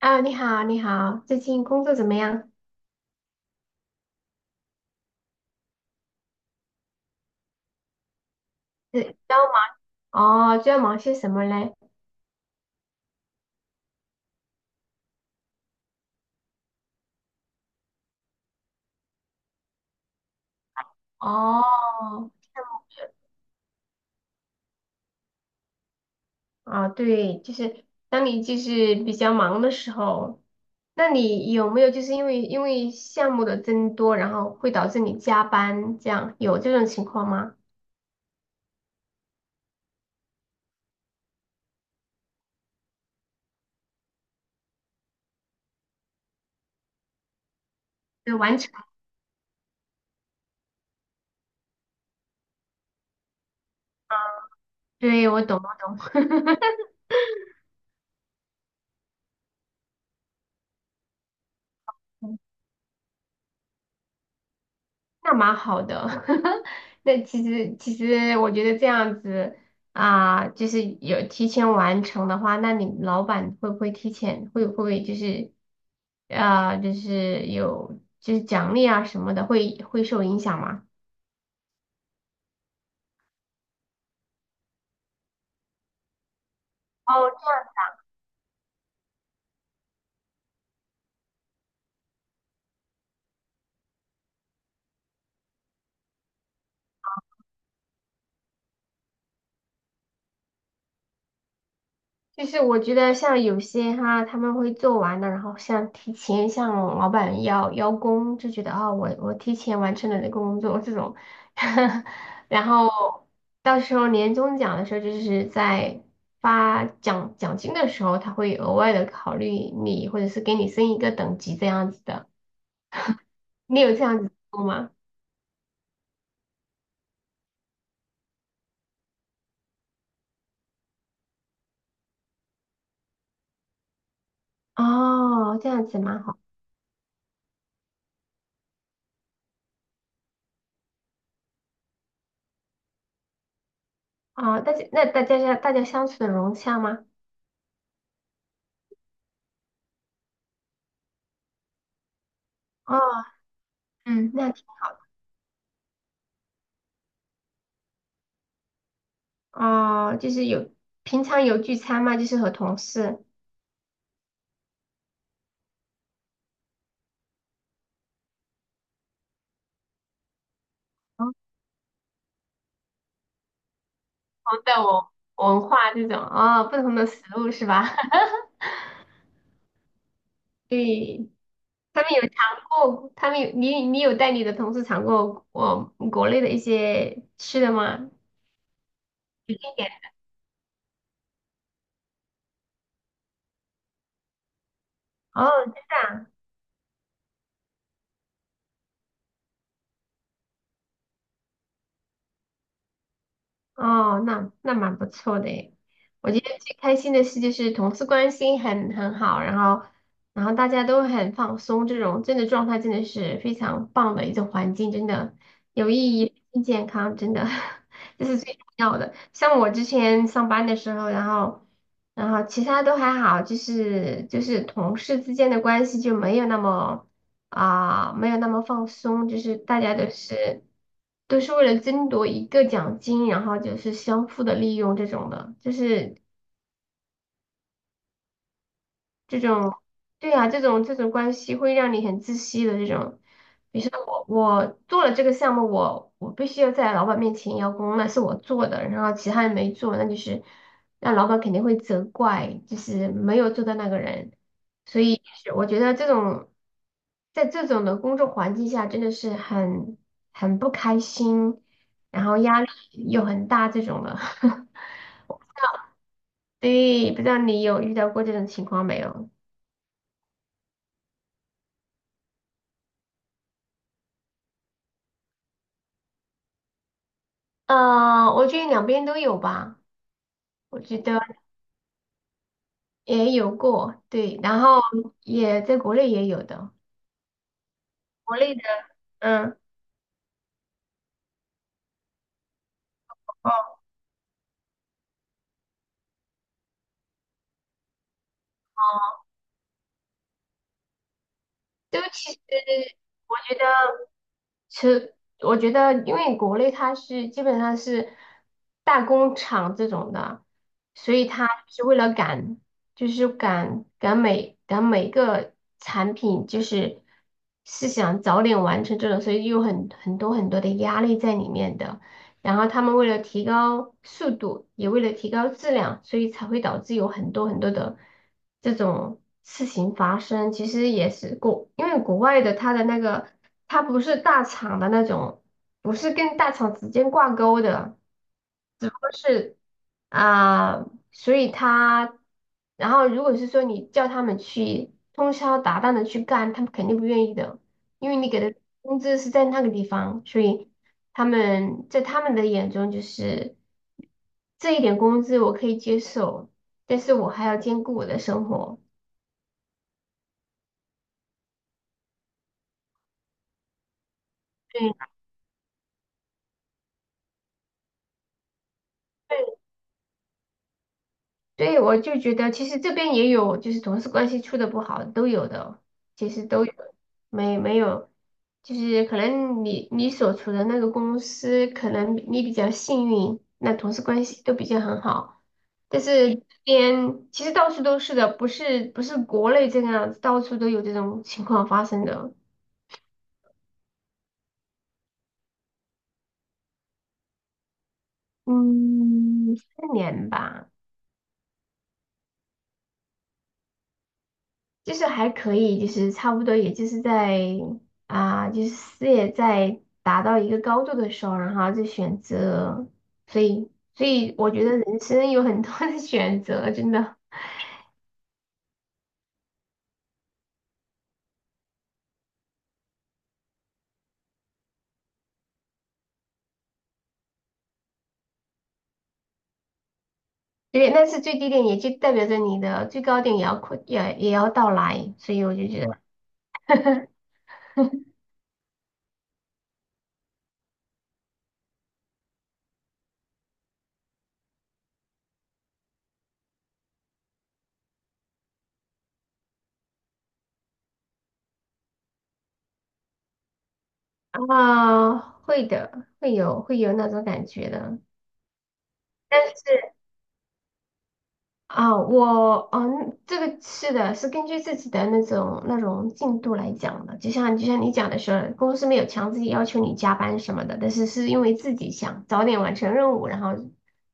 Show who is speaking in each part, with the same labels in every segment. Speaker 1: 啊，你好，你好，最近工作怎么样？是比较忙哦，最要忙些什么嘞？哦，啊，对，就是当你就是比较忙的时候，那你有没有就是因为项目的增多，然后会导致你加班，这样有这种情况吗？就完成，对，我懂，我懂。那蛮好的，那其实我觉得这样子啊，就是有提前完成的话，那你老板会不会就是啊，就是有就是奖励啊什么的，会受影响吗？哦。就是我觉得像有些哈，他们会做完的，然后像提前向老板邀功，就觉得啊、我提前完成了这个工作这种，然后到时候年终奖的时候，就是在发奖金的时候，他会额外的考虑你，或者是给你升一个等级这样子的。你有这样子做吗？哦，这样子蛮好啊、哦大家那大家相处的融洽吗？哦，嗯，那。哦，就是有平常有聚餐吗？就是和同事。同的文文化这种哦，不同的食物是吧？对，他们有尝过，他们有你有带你的同事尝过我国内的一些吃的吗？一点。哦，哦，那那蛮不错的诶。我觉得最开心的事就是同事关系很好，然后然后大家都很放松，这种真的状态真的是非常棒的一种环境，真的有意义、健康，真的 这是最重要的。像我之前上班的时候，然后然后其他都还好，就是同事之间的关系就没有那么。啊，没有那么放松，就是大家都是为了争夺一个奖金，然后就是相互的利用这种的，就是这种，对啊，这种关系会让你很窒息的这种。比如说我做了这个项目，我必须要在老板面前邀功，那是我做的，然后其他人没做，那就是那老板肯定会责怪，就是没有做的那个人。所以是我觉得这种在这种的工作环境下，真的是很不开心，然后压力又很大这种的。对，不知道你有遇到过这种情况没有？我觉得两边都有吧，我觉得也有过，对，然后也在国内也有的，国内的，嗯，哦，都其实我觉得，其实我觉得，因为国内它是基本上是大工厂这种的，所以它是为了赶，就是赶每个产品，就是是想早点完成这种，所以有很多的压力在里面的。然后他们为了提高速度，也为了提高质量，所以才会导致有很多的这种事情发生。其实也是国，因为国外的他的那个，他不是大厂的那种，不是跟大厂直接挂钩的，只不过是啊、所以他，然后如果是说你叫他们去通宵达旦的去干，他们肯定不愿意的，因为你给的工资是在那个地方，所以。他们在他们的眼中就是这一点工资我可以接受，但是我还要兼顾我的生活。对，对，我就觉得其实这边也有，就是同事关系处的不好，都有的，其实都有，没有，就是可能你所处的那个公司，可能你比较幸运，那同事关系都比较很好，但是这边其实到处都是的，不是国内这个样子，到处都有这种情况发生的。嗯，四年吧，就是还可以，就是差不多，也就是在啊、就是事业在达到一个高度的时候，然后就选择，所以，所以我觉得人生有很多的 选择，真的，对，但是最低点也就代表着你的最高点也要快，也要到来，所以我就觉得 啊、会的，会有那种感觉的。但是。啊，我嗯，这个是的，是根据自己的那种进度来讲的。就像你讲的是，公司没有强制要求你加班什么的，但是是因为自己想早点完成任务，然后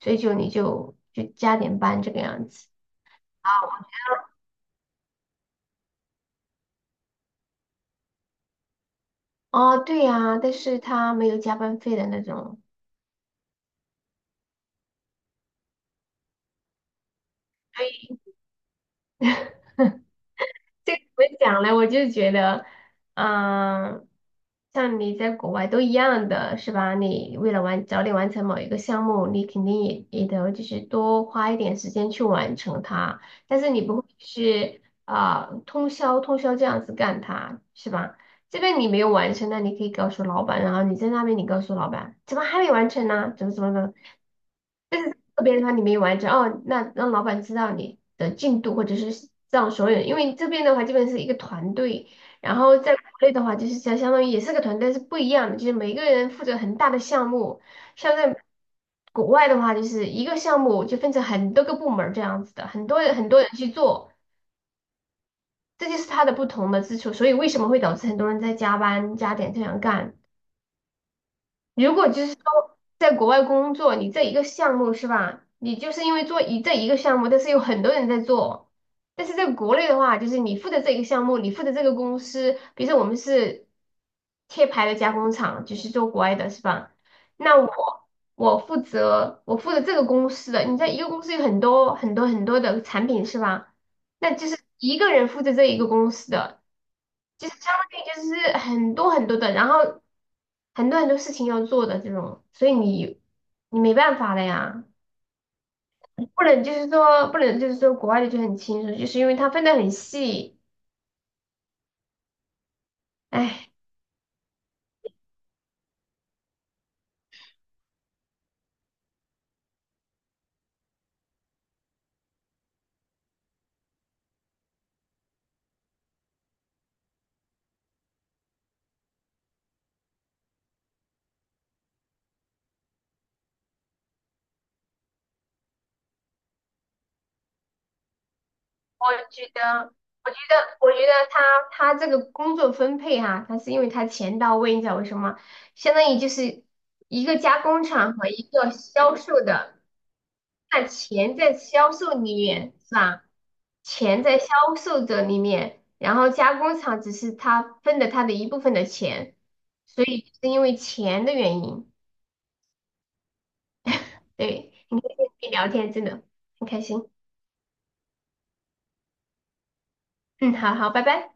Speaker 1: 所以就你就加点班这个样子。哦，对呀，但是他没有加班费的那种。这怎么讲呢？我就觉得，嗯，像你在国外都一样的是吧？你为了完早点完成某一个项目，你肯定也得就是多花一点时间去完成它，但是你不会是啊、通宵这样子干它是吧？这边你没有完成，那你可以告诉老板，然后你在那边你告诉老板，怎么还没完成呢？怎么？但是个别的话你没完成哦，那让老板知道你的进度，或者是让所有人，因为这边的话基本是一个团队，然后在国内的话就是相当于也是个团队，但是不一样的，就是每个人负责很大的项目，像在国外的话就是一个项目就分成很多个部门儿这样子的，很多人去做，这就是它的不同的之处，所以为什么会导致很多人在加班加点这样干。如果就是说在国外工作，你这一个项目是吧？你就是因为做这一个项目，但是有很多人在做。但是在国内的话，就是你负责这一个项目，你负责这个公司，比如说我们是贴牌的加工厂，就是做国外的是吧？那我我负责这个公司的，你在一个公司有很多的产品是吧？那就是一个人负责这一个公司的。就是相当于就是很多的，然后很多事情要做的这种，所以你你没办法的呀，不能就是说不能就是说国外的就很轻松，就是因为它分得很细，哎，我觉得。我觉得，我觉得他这个工作分配哈、他是因为他钱到位，你知道为什么？相当于就是一个加工厂和一个销售的。那钱在销售里面是吧？钱在销售者里面，然后加工厂只是他分的他的一部分的钱，所以是因为钱的原因。对，你开心跟你聊天，真的很开心。嗯，好好，拜拜。